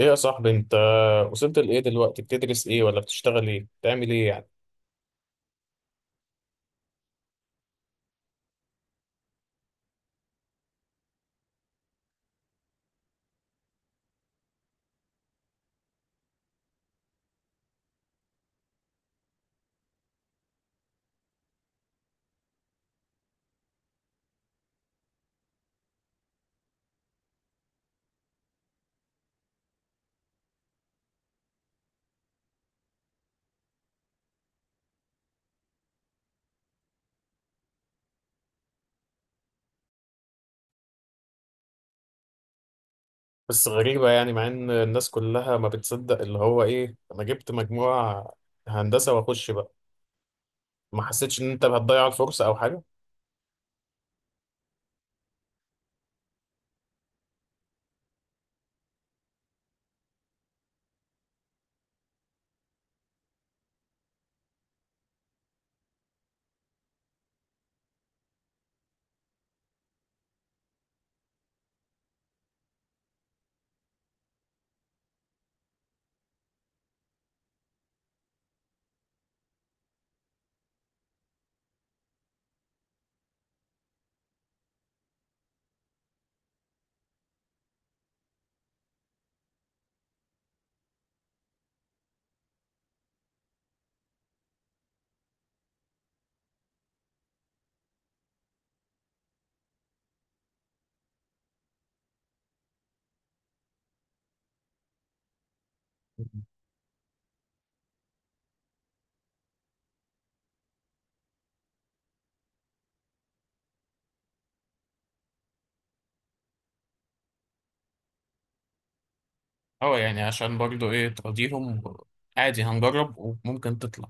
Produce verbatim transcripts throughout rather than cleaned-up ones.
ايه يا صاحبي، انت وصلت لايه دلوقتي؟ بتدرس ايه ولا بتشتغل ايه؟ بتعمل ايه يعني؟ بس غريبة، يعني مع ان الناس كلها ما بتصدق اللي هو ايه، انا جبت مجموعة هندسة واخش بقى. ما حسيتش ان انت هتضيع الفرصة او حاجة؟ اه يعني، عشان برضو ايه، تراضيهم. عادي هنجرب وممكن تطلع.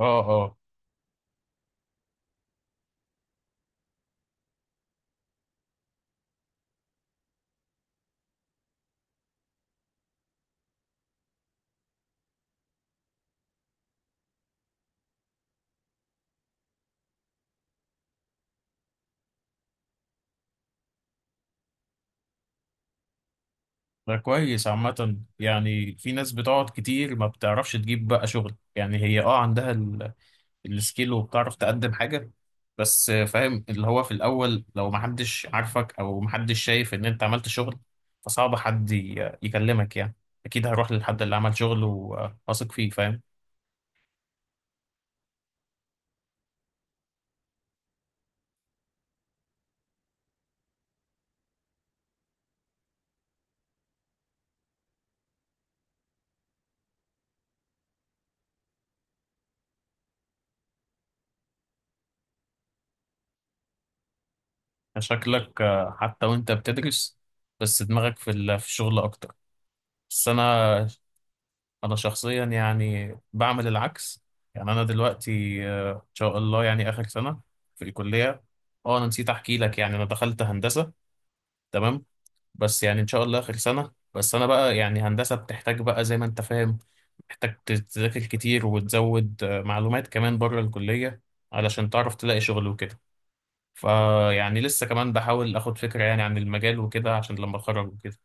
اه اه، ده كويس عامة. يعني في ناس بتقعد كتير ما بتعرفش تجيب بقى شغل، يعني هي اه عندها السكيل وبتعرف تقدم حاجة، بس آه، فاهم اللي هو في الأول، لو محدش عارفك أو محدش شايف إن أنت عملت شغل فصعب حد ي- يكلمك يعني. أكيد هروح للحد اللي عمل شغل وواثق فيه، فاهم؟ شكلك آه، حتى وأنت بتدرس بس دماغك في ال- في الشغل أكتر. بس أنا أنا شخصيا يعني بعمل العكس. يعني أنا دلوقتي آه، إن شاء الله يعني آخر سنة في الكلية. أه، أنا نسيت أحكي لك، يعني أنا دخلت هندسة، تمام. بس يعني ان شاء الله اخر سنه. بس انا بقى يعني هندسه بتحتاج بقى زي ما انت فاهم، محتاج تذاكر كتير وتزود آه، معلومات كمان بره الكليه علشان تعرف تلاقي شغل وكده. فيعني لسه كمان بحاول اخد فكره يعني عن المجال وكده عشان لما اتخرج وكده.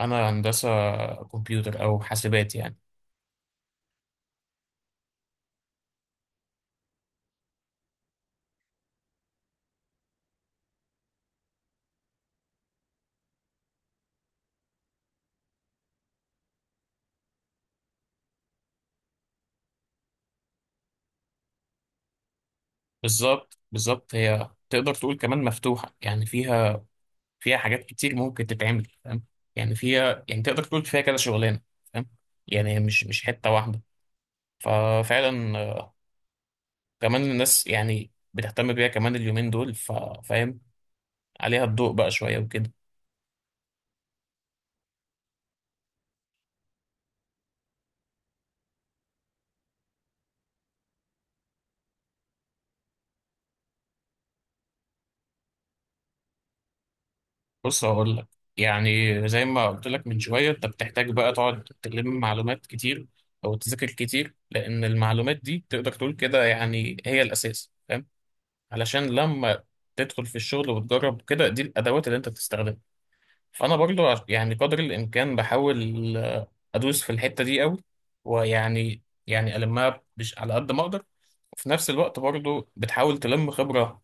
انا هندسه كمبيوتر او حاسبات يعني. بالظبط بالظبط، هي تقدر تقول كمان مفتوحه يعني، فيها فيها حاجات كتير ممكن تتعمل، فاهم؟ يعني فيها، يعني تقدر تقول فيها كذا شغلانه، فاهم؟ يعني هي مش مش حته واحده. ففعلا كمان الناس يعني بتهتم بيها كمان اليومين دول، ف- فاهم، عليها الضوء بقى شوية وكده. بص هقول لك. يعني زي ما قلت لك من شوية، انت بتحتاج بقى تقعد تلم معلومات كتير او تذاكر كتير، لان المعلومات دي تقدر تقول كده، يعني هي الاساس، فاهم؟ علشان لما تدخل في الشغل وتجرب كده، دي الادوات اللي انت بتستخدمها. فانا برضو عش- يعني قدر الامكان بحاول آه، ادوس في الحته دي قوي، ويعني يعني المها مش على قد ما اقدر. وفي نفس الوقت برضو بتحاول تلم خبره.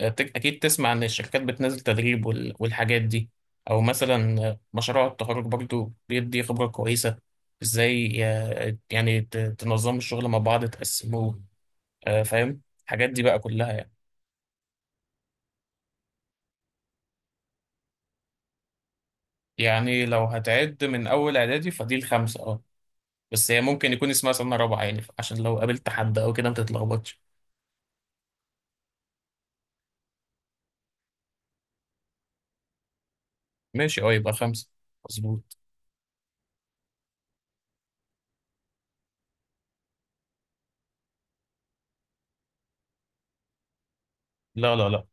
آه، تك- اكيد تسمع ان الشركات بتنزل تدريب وال- والحاجات دي، او مثلا آه، مشروع التخرج برضو بيدي خبره كويسه، ازاي آه، يعني ت- تنظموا الشغل مع بعض تقسموه، آه، فاهم الحاجات دي بقى كلها يعني. يعني لو هتعد من اول اعدادي فدي الخمسه، اه. بس هي ممكن يكون اسمها سنة رابعة يعني، عشان لو قابلت حد أو كده ما تتلخبطش. ماشي، أه، يبقى خمسة مظبوط. لا لا لا.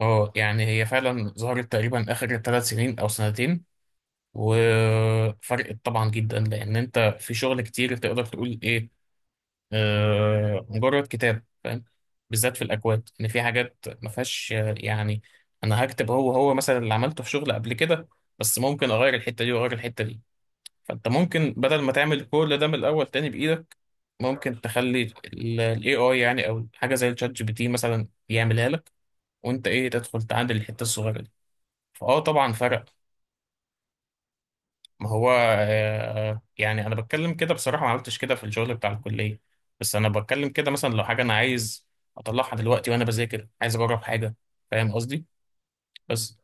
أه، يعني هي فعلا ظهرت تقريبا آخر ثلاث سنين أو سنتين وفرقت طبعا جدا، لأن أنت في شغل كتير تقدر تقول إيه، آه مجرد كتاب، فاهم؟ بالذات في الأكواد، إن في حاجات ما فيهاش آه، يعني أنا هكتب هو هو مثلا اللي عملته في شغل قبل كده، بس ممكن أغير الحتة دي وأغير الحتة دي. فانت ممكن بدل ما تعمل كل ده من الاول تاني بايدك، ممكن تخلي الاي اي يعني، او حاجه زي الشات جي بي تي مثلا يعملها لك، وانت ايه، تدخل تعدل الحته الصغيره دي. فاه طبعا فرق. ما هو آه يعني انا بتكلم كده بصراحه، ما عملتش كده في الشغل بتاع الكليه، بس انا بتكلم كده مثلا لو حاجه انا عايز اطلعها دلوقتي وانا بذاكر عايز اجرب حاجه. فاهم قصدي؟ بس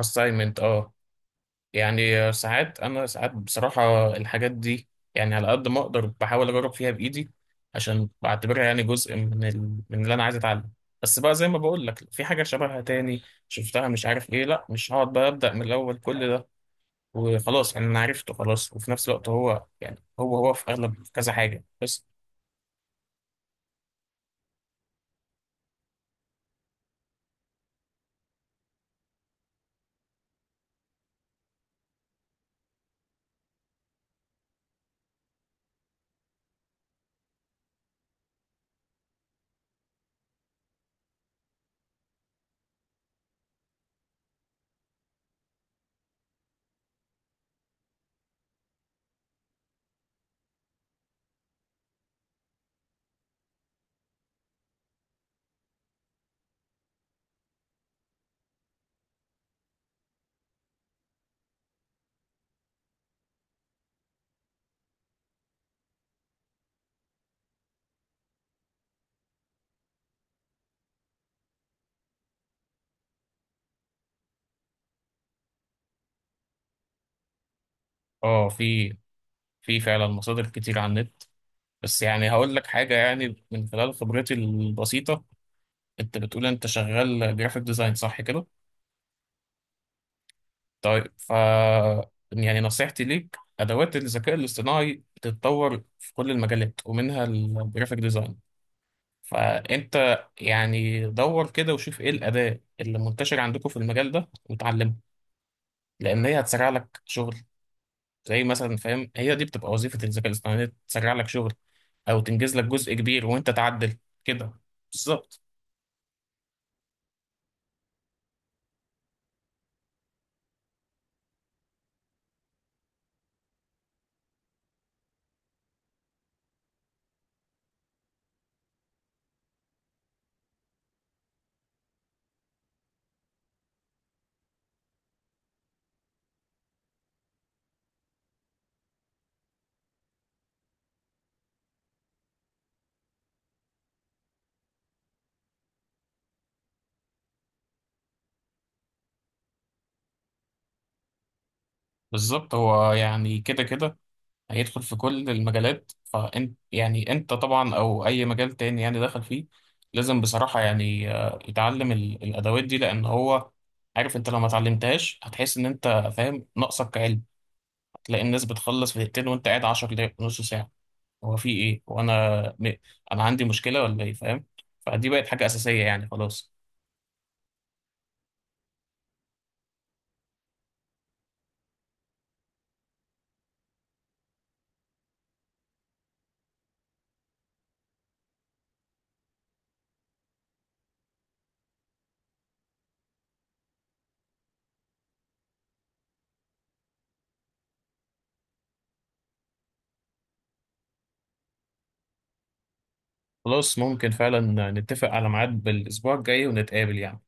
assignment اه. يعني ساعات، انا ساعات بصراحه الحاجات دي، يعني على قد ما اقدر بحاول اجرب فيها بايدي، عشان بعتبرها يعني جزء من ال... من اللي انا عايز اتعلم. بس بقى زي ما بقول لك، في حاجه شبهها تاني شفتها مش عارف ايه، لا مش هقعد بقى ابدا من الاول كل ده وخلاص، يعني انا عرفته خلاص، وفي نفس الوقت هو يعني هو هو في اغلب كذا حاجه بس. اه، في في فعلا مصادر كتير على النت. بس يعني هقول لك حاجه يعني من خلال خبرتي البسيطه. انت بتقول انت شغال جرافيك ديزاين، صح كده؟ طيب، ف يعني نصيحتي ليك، ادوات الذكاء الاصطناعي بتتطور في كل المجالات ومنها الجرافيك ديزاين، فانت يعني دور كده وشوف ايه الاداه اللي منتشره عندكم في المجال ده وتعلمها، لان هي هتسرع لك شغل. زي مثلا، فاهم، هي دي بتبقى وظيفه الذكاء الاصطناعي، إن هي تسرع لك شغل او تنجز لك جزء كبير وانت تعدل كده. بالظبط. بالظبط هو يعني كده كده هيدخل في كل المجالات، فانت يعني انت طبعا، او اي مجال تاني يعني دخل فيه، لازم بصراحة يعني آه، يتعلم ال- الادوات دي، لان هو، عارف انت لو ما اتعلمتهاش هتحس ان انت، فاهم، ناقصك كعلم. هتلاقي الناس بتخلص في دقيقتين وانت قاعد عشر دقايق نص ساعة، هو في ايه، وانا، انا عندي مشكلة ولا ايه، فاهم؟ فدي بقت حاجة اساسية يعني، خلاص. خلاص ممكن فعلا نتفق على ميعاد بالاسبوع الجاي ونتقابل يعني.